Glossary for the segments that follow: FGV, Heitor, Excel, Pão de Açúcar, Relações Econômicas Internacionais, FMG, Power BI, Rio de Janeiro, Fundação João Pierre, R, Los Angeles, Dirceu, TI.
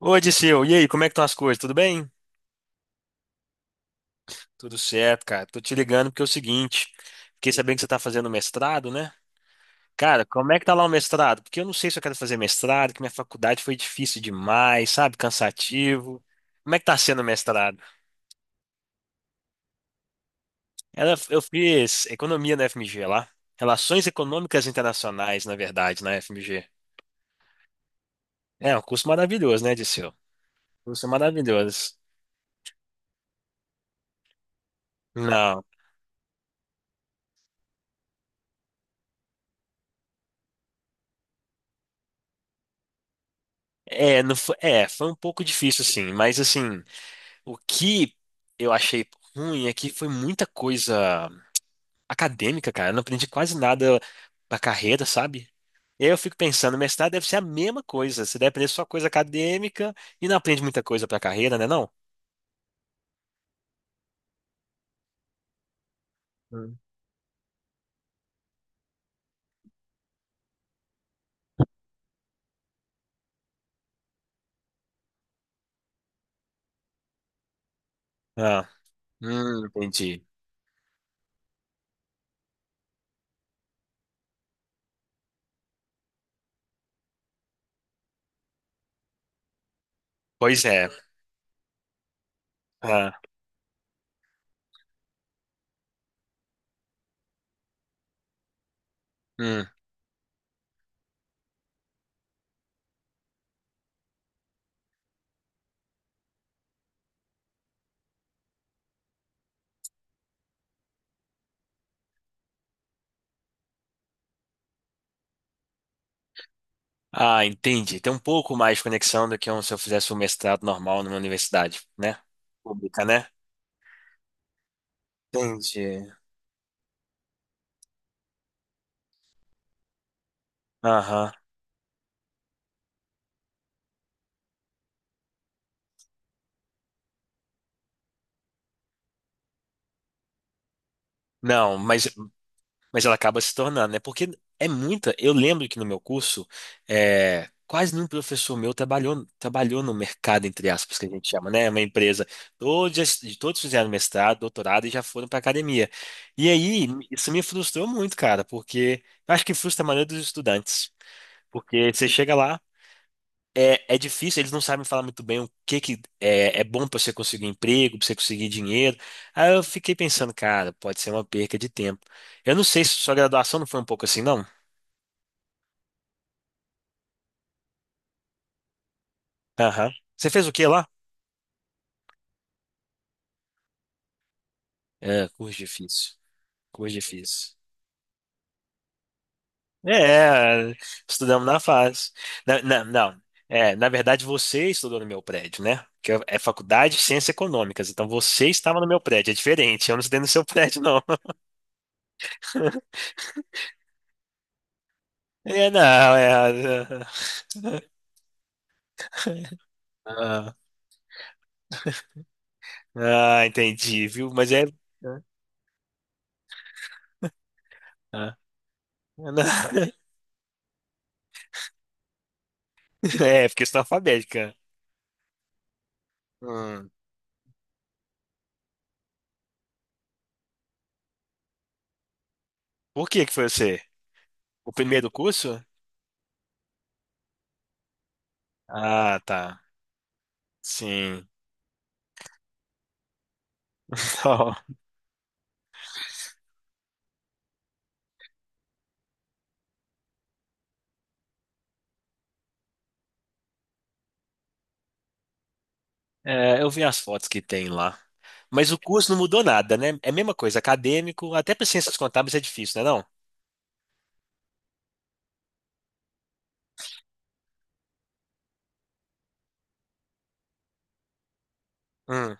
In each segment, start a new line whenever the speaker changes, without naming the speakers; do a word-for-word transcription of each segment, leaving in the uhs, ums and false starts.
Oi, Disseu. E aí, como é que estão as coisas? Tudo bem? Tudo certo, cara. Tô te ligando porque é o seguinte, fiquei sabendo que você tá fazendo mestrado, né? Cara, como é que tá lá o mestrado? Porque eu não sei se eu quero fazer mestrado, que minha faculdade foi difícil demais, sabe? Cansativo. Como é que tá sendo o mestrado? Ela- Eu fiz economia na F M G lá. Relações Econômicas Internacionais, na verdade, na F M G. É um curso maravilhoso, né, Disseu? Curso maravilhoso. Não, é, não foi, é, foi um pouco difícil, sim, mas assim. O que eu achei ruim é que foi muita coisa acadêmica, cara. Eu não aprendi quase nada pra carreira, sabe? E aí eu fico pensando, mestrado deve ser a mesma coisa. Você deve aprender só coisa acadêmica e não aprende muita coisa pra carreira, né não? Hum. Ah, hum, entendi. Pois é. Ah, hum. Ah, entendi. Tem um pouco mais de conexão do que um, se eu fizesse um mestrado normal numa universidade, né? Pública, né? Entendi. Aham. Não, mas mas ela acaba se tornando, né? Porque é muita. Eu lembro que no meu curso, é, quase nenhum professor meu trabalhou, trabalhou no mercado, entre aspas, que a gente chama, né? É uma empresa. Todos, todos fizeram mestrado, doutorado e já foram para academia. E aí, isso me frustrou muito, cara, porque eu acho que frustra a maioria dos estudantes. Porque você chega lá, é, é difícil, eles não sabem falar muito bem o que que é, é bom para você conseguir emprego, para você conseguir dinheiro. Aí eu fiquei pensando, cara, pode ser uma perca de tempo. Eu não sei se sua graduação não foi um pouco assim, não? Aham. Você fez o que lá? É, curso difícil. Curso difícil. É, estudamos na fase. Na- na- não, é, na verdade você estudou no meu prédio, né? Que é é faculdade de ciências econômicas, então você estava no meu prédio, é diferente, eu não estudei no seu prédio, não. É, não, é. É, é. Ah, entendi, viu? Mas é. Né? Ah, não. É, porque questão alfabética. Hum. Por que que foi você? O primeiro curso? Ah, tá. Sim. Então, é, eu vi as fotos que tem lá. Mas o curso não mudou nada, né? É a mesma coisa, acadêmico, até para ciências contábeis é difícil, né, não? Hum.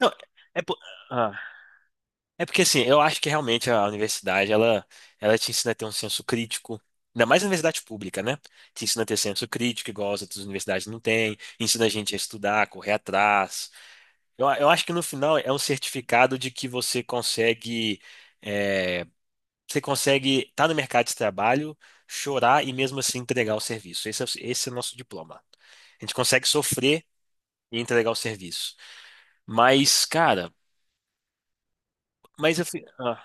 Não, é por... É porque assim, eu acho que realmente a universidade, ela, ela te ensina a ter um senso crítico, ainda mais na universidade pública, né? Te ensina a ter senso crítico, igual as outras universidades não têm, ensina a gente a estudar, a correr atrás. Eu, eu acho que no final é um certificado de que você consegue, é, você consegue estar no mercado de trabalho, chorar e mesmo assim entregar o serviço. Esse é, o- esse é o nosso diploma. A gente consegue sofrer e entregar o serviço. Mas, cara, mas eu, fi- ah.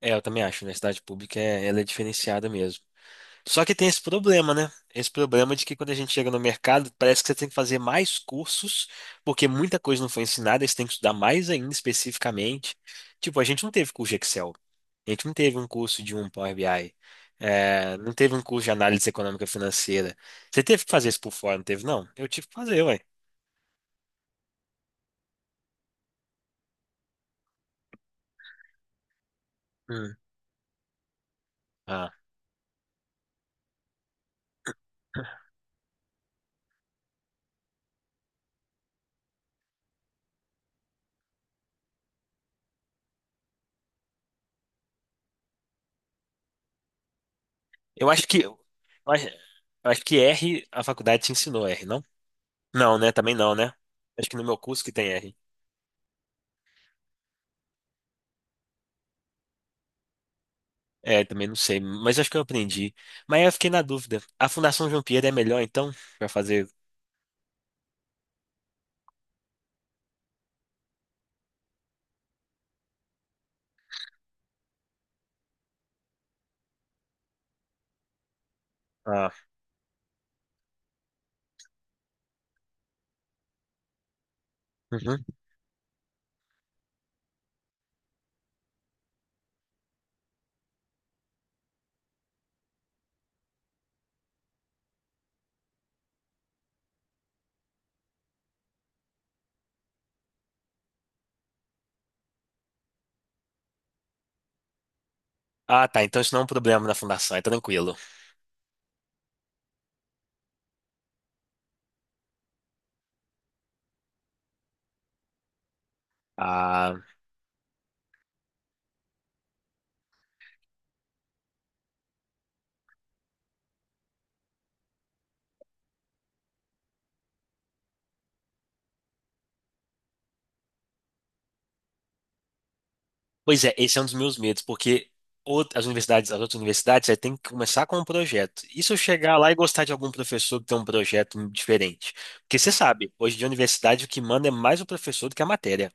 É, eu também acho, a universidade pública é, ela é diferenciada mesmo. Só que tem esse problema, né? Esse problema de que quando a gente chega no mercado, parece que você tem que fazer mais cursos, porque muita coisa não foi ensinada, e você tem que estudar mais ainda especificamente. Tipo, a gente não teve curso de Excel, a gente não teve um curso de um Power B I, é, não teve um curso de análise econômica financeira. Você teve que fazer isso por fora, não teve, não? Eu tive que fazer, ué. Hum. Ah, eu acho que, eu acho, eu acho que R, a faculdade te ensinou R, não? Não, né? Também não, né? Acho que no meu curso que tem R. É, também não sei, mas acho que eu aprendi. Mas aí eu fiquei na dúvida. A Fundação João Pierre é melhor, então? Pra fazer. Ah, uhum. Ah, tá. Então isso não é um problema na fundação, é tranquilo. Ah, pois é, esse é um dos meus medos, porque out- as universidades, as outras universidades, você tem que começar com um projeto. E se eu chegar lá e gostar de algum professor que tem um projeto diferente? Porque você sabe, hoje de universidade o que manda é mais o professor do que a matéria.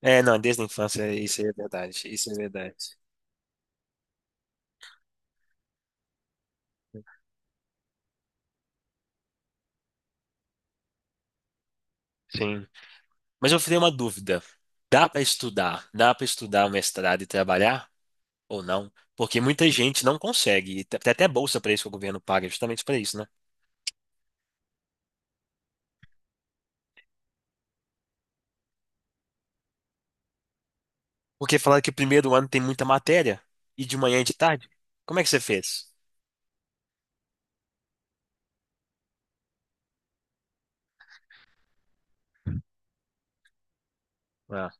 É, não, desde a infância, isso é verdade. Isso é verdade. Sim. Mas eu tenho uma dúvida. Dá para estudar? Dá para estudar o mestrado e trabalhar ou não? Porque muita gente não consegue. E tem até bolsa para isso que o governo paga, justamente para isso, né? Porque falaram que o primeiro ano tem muita matéria e de manhã e de tarde. Como é que você fez? Ah,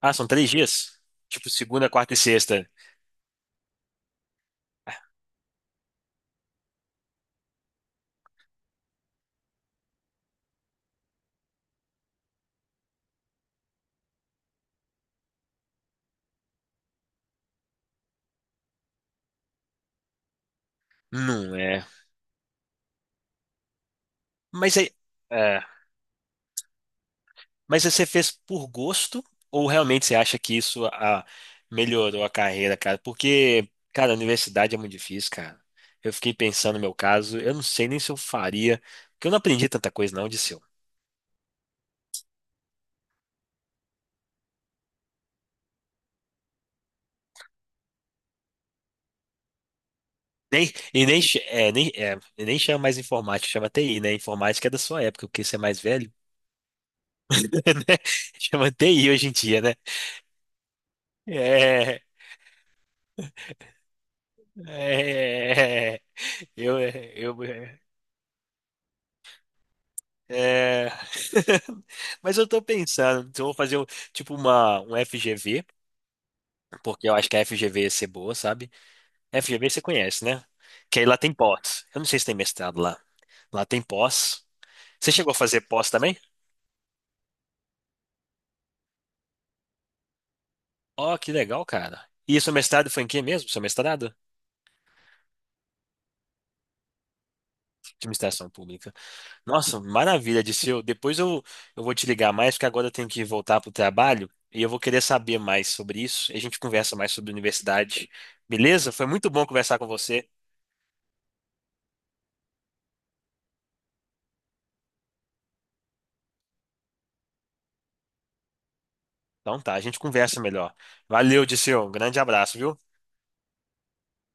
Ah, são três dias? Tipo segunda, quarta e sexta. Não é. Mas aí. É. Mas você fez por gosto ou realmente você acha que isso ah, melhorou a carreira, cara? Porque, cara, a universidade é muito difícil, cara. Eu fiquei pensando no meu caso, eu não sei nem se eu faria, porque eu não aprendi tanta coisa não de seu. Nem, e nem, ch- é, nem, é, e nem chama mais informática, chama T I, né? Informática é da sua época, porque você é mais velho, né? Chama T I hoje em dia, né? É, é, eu, eu, É... Mas eu tô pensando, se eu vou fazer um- tipo uma, um F G V, porque eu acho que a F G V ia ser boa, sabe? F G V você conhece, né? Que aí lá tem pós. Eu não sei se tem mestrado lá. Lá tem pós. Você chegou a fazer pós também? Ó, que legal, cara. E seu mestrado foi em quê mesmo? Seu mestrado? Administração pública. Nossa, maravilha, Dirceu. Depois eu, eu vou te ligar mais, porque agora eu tenho que voltar pro trabalho e eu vou querer saber mais sobre isso. E a gente conversa mais sobre universidade. Beleza? Foi muito bom conversar com você. Então tá, a gente conversa melhor. Valeu, Dirceu. Um grande abraço, viu?